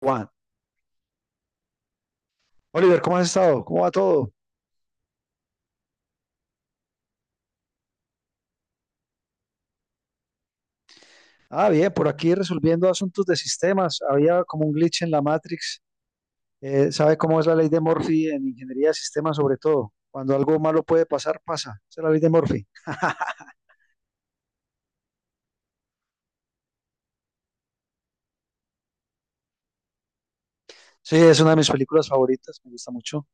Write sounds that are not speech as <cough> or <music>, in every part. Juan. Oliver, ¿cómo has estado? ¿Cómo va todo? Ah, bien, por aquí resolviendo asuntos de sistemas. Había como un glitch en la Matrix. ¿Sabe cómo es la ley de Murphy en ingeniería de sistemas, sobre todo? Cuando algo malo puede pasar, pasa. Esa es la ley de Murphy. Sí, es una de mis películas favoritas, me gusta mucho.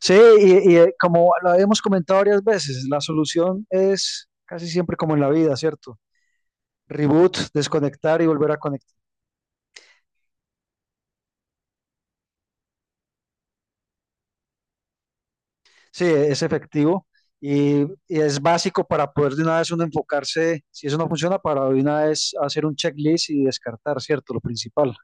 Sí, y como lo hemos comentado varias veces, la solución es casi siempre como en la vida, ¿cierto? Reboot, desconectar y volver a conectar. Sí, es efectivo y, y es básico para poder de una vez uno enfocarse, si eso no funciona, para de una vez hacer un checklist y descartar, ¿cierto? Lo principal.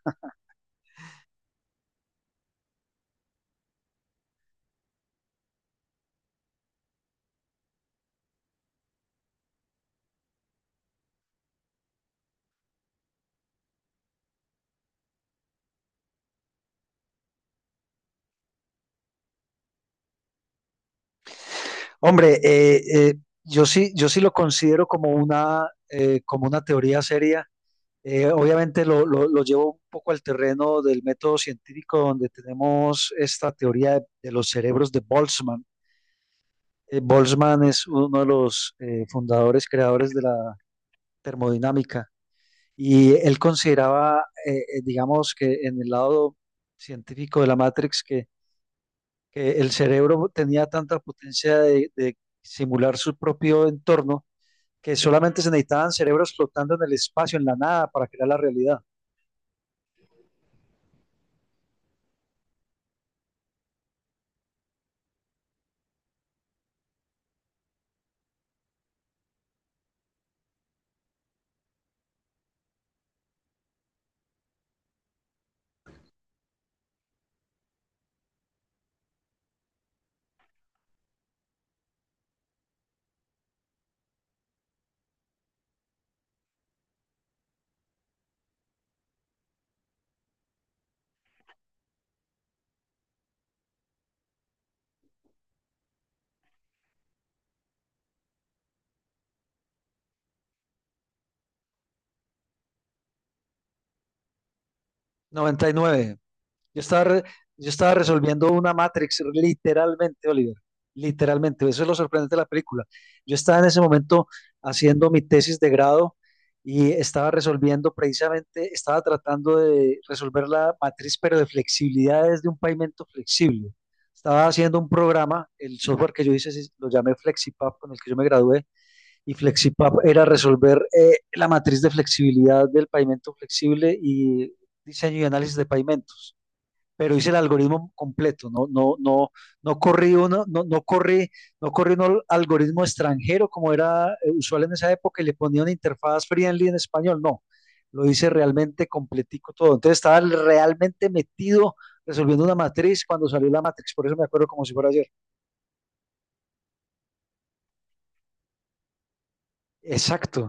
Hombre, yo sí lo considero como una teoría seria. Obviamente lo llevo un poco al terreno del método científico, donde tenemos esta teoría de los cerebros de Boltzmann. Boltzmann es uno de los fundadores, creadores de la termodinámica. Y él consideraba, digamos, que en el lado científico de la Matrix, que el cerebro tenía tanta potencia de simular su propio entorno, que solamente se necesitaban cerebros flotando en el espacio, en la nada, para crear la realidad. Noventa y nueve. Yo estaba, re- yo estaba resolviendo una Matrix, literalmente, Oliver, literalmente. Eso es lo sorprendente de la película. Yo estaba en ese momento haciendo mi tesis de grado y estaba resolviendo precisamente, estaba tratando de resolver la matriz, pero de flexibilidades de un pavimento flexible. Estaba haciendo un programa, el software que yo hice, sí, lo llamé FlexiPap, con el que yo me gradué, y FlexiPap era resolver, la matriz de flexibilidad del pavimento flexible y diseño y análisis de pavimentos, pero hice el algoritmo completo, no, no, no, no corrí uno, no, no corrí un algoritmo extranjero, como era, usual en esa época, y le ponía una interfaz friendly en español, no, lo hice realmente completico todo, entonces estaba realmente metido resolviendo una matriz cuando salió la matriz, por eso me acuerdo como si fuera ayer. Exacto.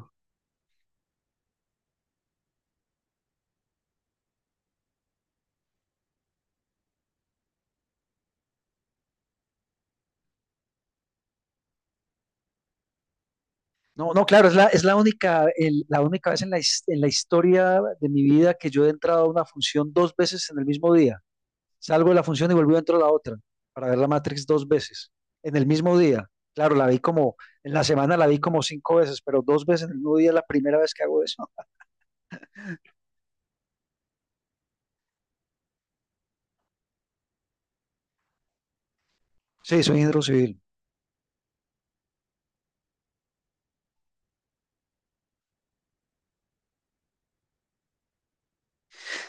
No, no, claro, es la única, el- la única vez en la historia de mi vida que yo he entrado a una función dos veces en el mismo día. Salgo de la función y volví dentro de la otra para ver la Matrix dos veces en el mismo día. Claro, la vi como, en la semana la vi como cinco veces, pero dos veces en el mismo día es la primera vez que hago eso. Sí, soy ingeniero civil.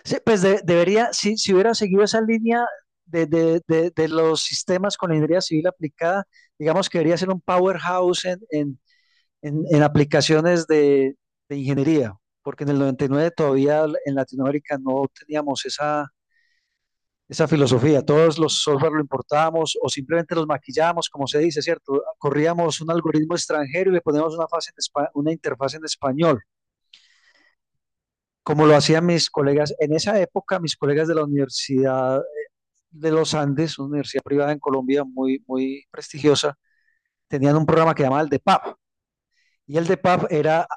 Sí, pues debería, si hubiera seguido esa línea de los sistemas con la ingeniería civil aplicada, digamos que debería ser un powerhouse en, en aplicaciones de ingeniería, porque en el 99 todavía en Latinoamérica no teníamos esa filosofía. Todos los software lo importábamos o simplemente los maquillábamos, como se dice, ¿cierto? Corríamos un algoritmo extranjero y le poníamos una interfaz en español, como lo hacían mis colegas. En esa época, mis colegas de la Universidad de los Andes, una universidad privada en Colombia muy, muy prestigiosa, tenían un programa que llamaban el DEPAP. Y el de Pub era,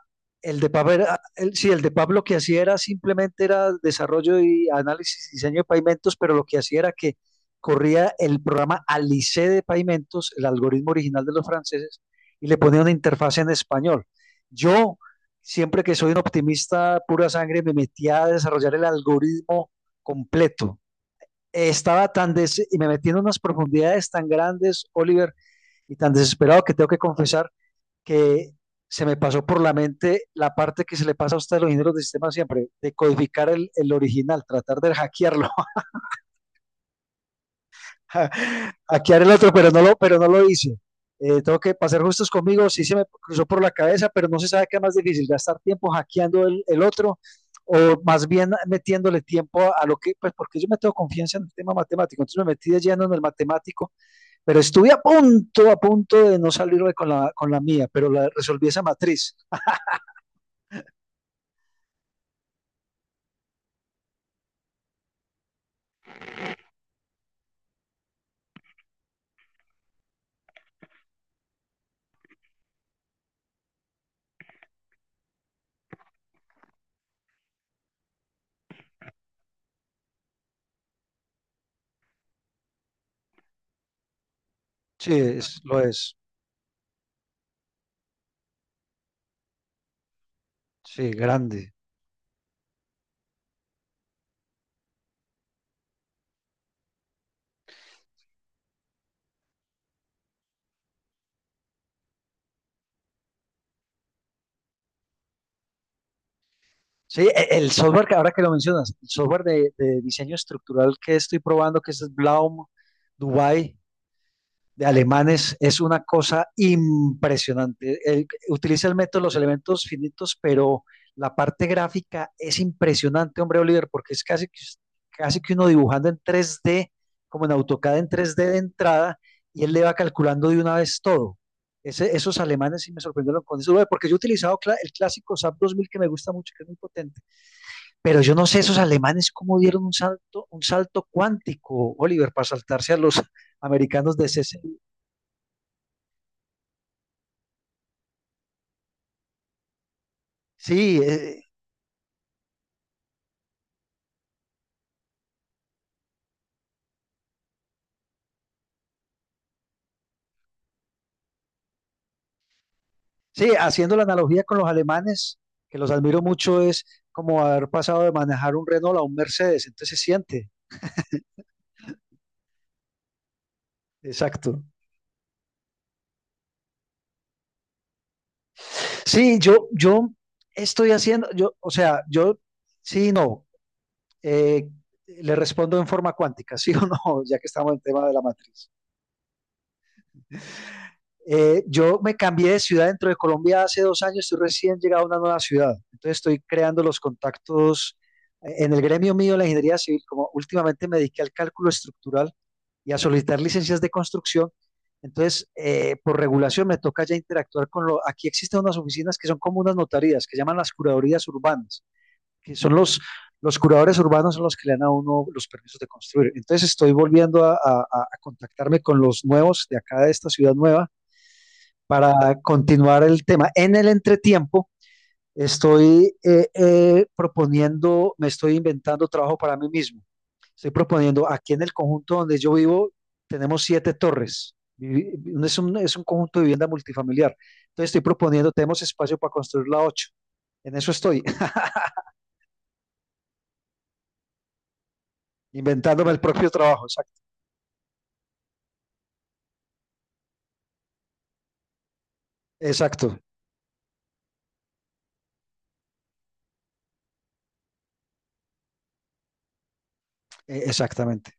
sí, el de Pub lo que hacía era simplemente era desarrollo y análisis y diseño de pavimentos, pero lo que hacía era que corría el programa Alice de pavimentos, el algoritmo original de los franceses, y le ponía una interfaz en español. Yo, siempre que soy un optimista pura sangre, me metía a desarrollar el algoritmo completo. Y me metí en unas profundidades tan grandes, Oliver, y tan desesperado, que tengo que confesar que se me pasó por la mente la parte que se le pasa a usted a los ingenieros de sistema siempre, de codificar el original, tratar de hackearlo, <laughs> hackear el otro, pero no lo hice. Tengo que pasar justos conmigo, sí se me cruzó por la cabeza, pero no se sabe qué es más difícil, gastar tiempo hackeando el otro o más bien metiéndole tiempo a lo que, pues porque yo me tengo confianza en el tema matemático, entonces me metí de lleno en el matemático, pero estuve a punto de no salirme con la mía, pero resolví esa matriz. Sí, lo es. Sí, grande. Sí, el software, que ahora que lo mencionas, el software de diseño estructural que estoy probando, que es el Blaum Dubai, de alemanes, es una cosa impresionante. Él utiliza el método de los elementos finitos, pero la parte gráfica es impresionante, hombre Oliver, porque es casi, casi que uno dibujando en 3D, como en AutoCAD en 3D de entrada, y él le va calculando de una vez todo. Esos alemanes sí me sorprendieron con eso, porque yo he utilizado, cl el clásico SAP 2000, que me gusta mucho, que es muy potente, pero yo no sé esos alemanes cómo dieron un salto cuántico, Oliver, para saltarse a los <laughs> americanos de CC. Sí, sí, haciendo la analogía con los alemanes, que los admiro mucho, es como haber pasado de manejar un Renault a un Mercedes, entonces se siente, exacto. Sí, yo estoy haciendo, yo, o sea, yo, sí, y no, eh, le respondo en forma cuántica, <laughs> sí o no, <laughs> ya que estamos en tema de la matriz. Yo me cambié de ciudad dentro de Colombia hace 2 años, estoy recién llegado a una nueva ciudad, entonces estoy creando los contactos, en el gremio mío de la ingeniería civil, como últimamente me dediqué al cálculo estructural y a solicitar licencias de construcción, entonces, por regulación me toca ya interactuar con aquí existen unas oficinas que son como unas notarías, que llaman las curadorías urbanas, que son los curadores urbanos, son los que le dan a uno los permisos de construir, entonces estoy volviendo a contactarme con los nuevos de acá, de esta ciudad nueva, para continuar el tema. En el entretiempo estoy, proponiendo, me estoy inventando trabajo para mí mismo. Estoy proponiendo aquí en el conjunto donde yo vivo, tenemos siete torres. Es un conjunto de vivienda multifamiliar. Entonces estoy proponiendo, tenemos espacio para construir la ocho. En eso estoy, <laughs> inventándome el propio trabajo. Exacto, exacto, exactamente.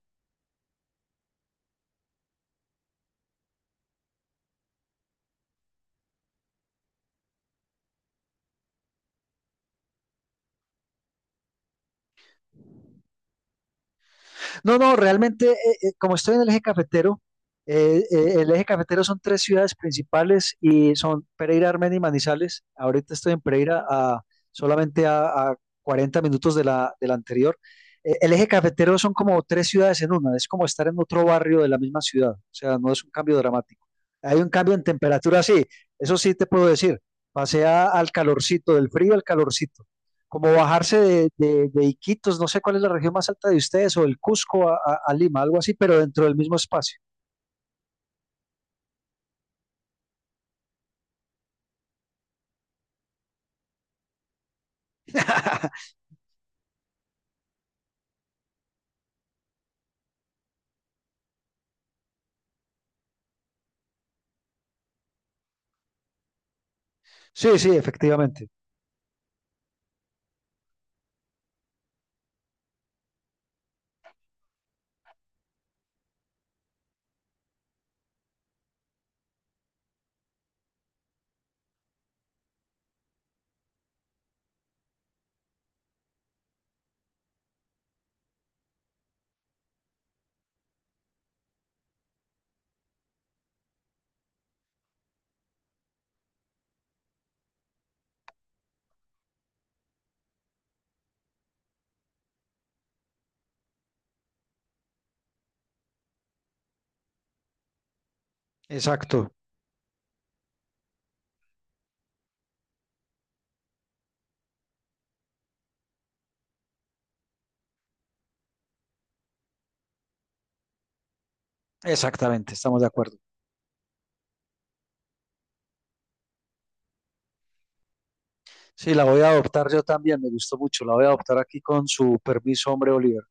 No, no, realmente, como estoy en el eje cafetero son tres ciudades principales, y son Pereira, Armenia y Manizales. Ahorita estoy en Pereira a solamente a 40 minutos de la anterior. El eje cafetero son como tres ciudades en una, es como estar en otro barrio de la misma ciudad, o sea, no es un cambio dramático. Hay un cambio en temperatura, sí, eso sí te puedo decir. Pasé al calorcito, del frío al calorcito, como bajarse de Iquitos, no sé cuál es la región más alta de ustedes, o del Cusco a Lima, algo así, pero dentro del mismo espacio. <laughs> Sí, sí, efectivamente. Exacto, exactamente, estamos de acuerdo. Sí, la voy a adoptar yo también, me gustó mucho, la voy a adoptar aquí con su permiso, hombre Oliver.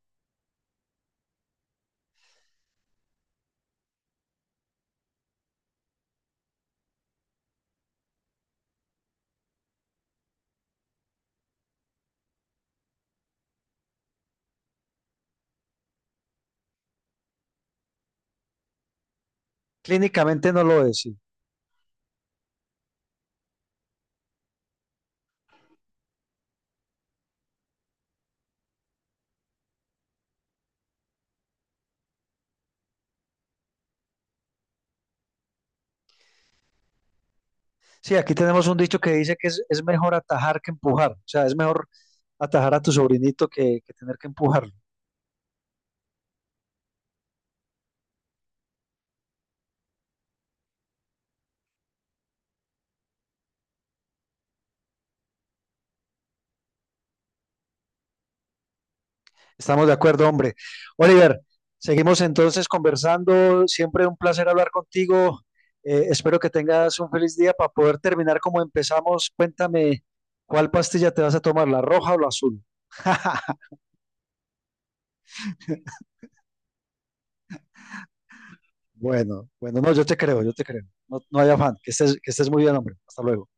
Clínicamente no lo es, sí. Sí, aquí tenemos un dicho que dice que es mejor atajar que empujar, o sea, es mejor atajar a tu sobrinito que tener que empujarlo. Estamos de acuerdo, hombre. Oliver, seguimos entonces conversando. Siempre un placer hablar contigo. Espero que tengas un feliz día, para poder terminar como empezamos. Cuéntame, ¿cuál pastilla te vas a tomar, la roja o la azul? <laughs> Bueno, bueno, no, yo te creo, yo te creo. No, no hay afán. Que estés muy bien, hombre. Hasta luego.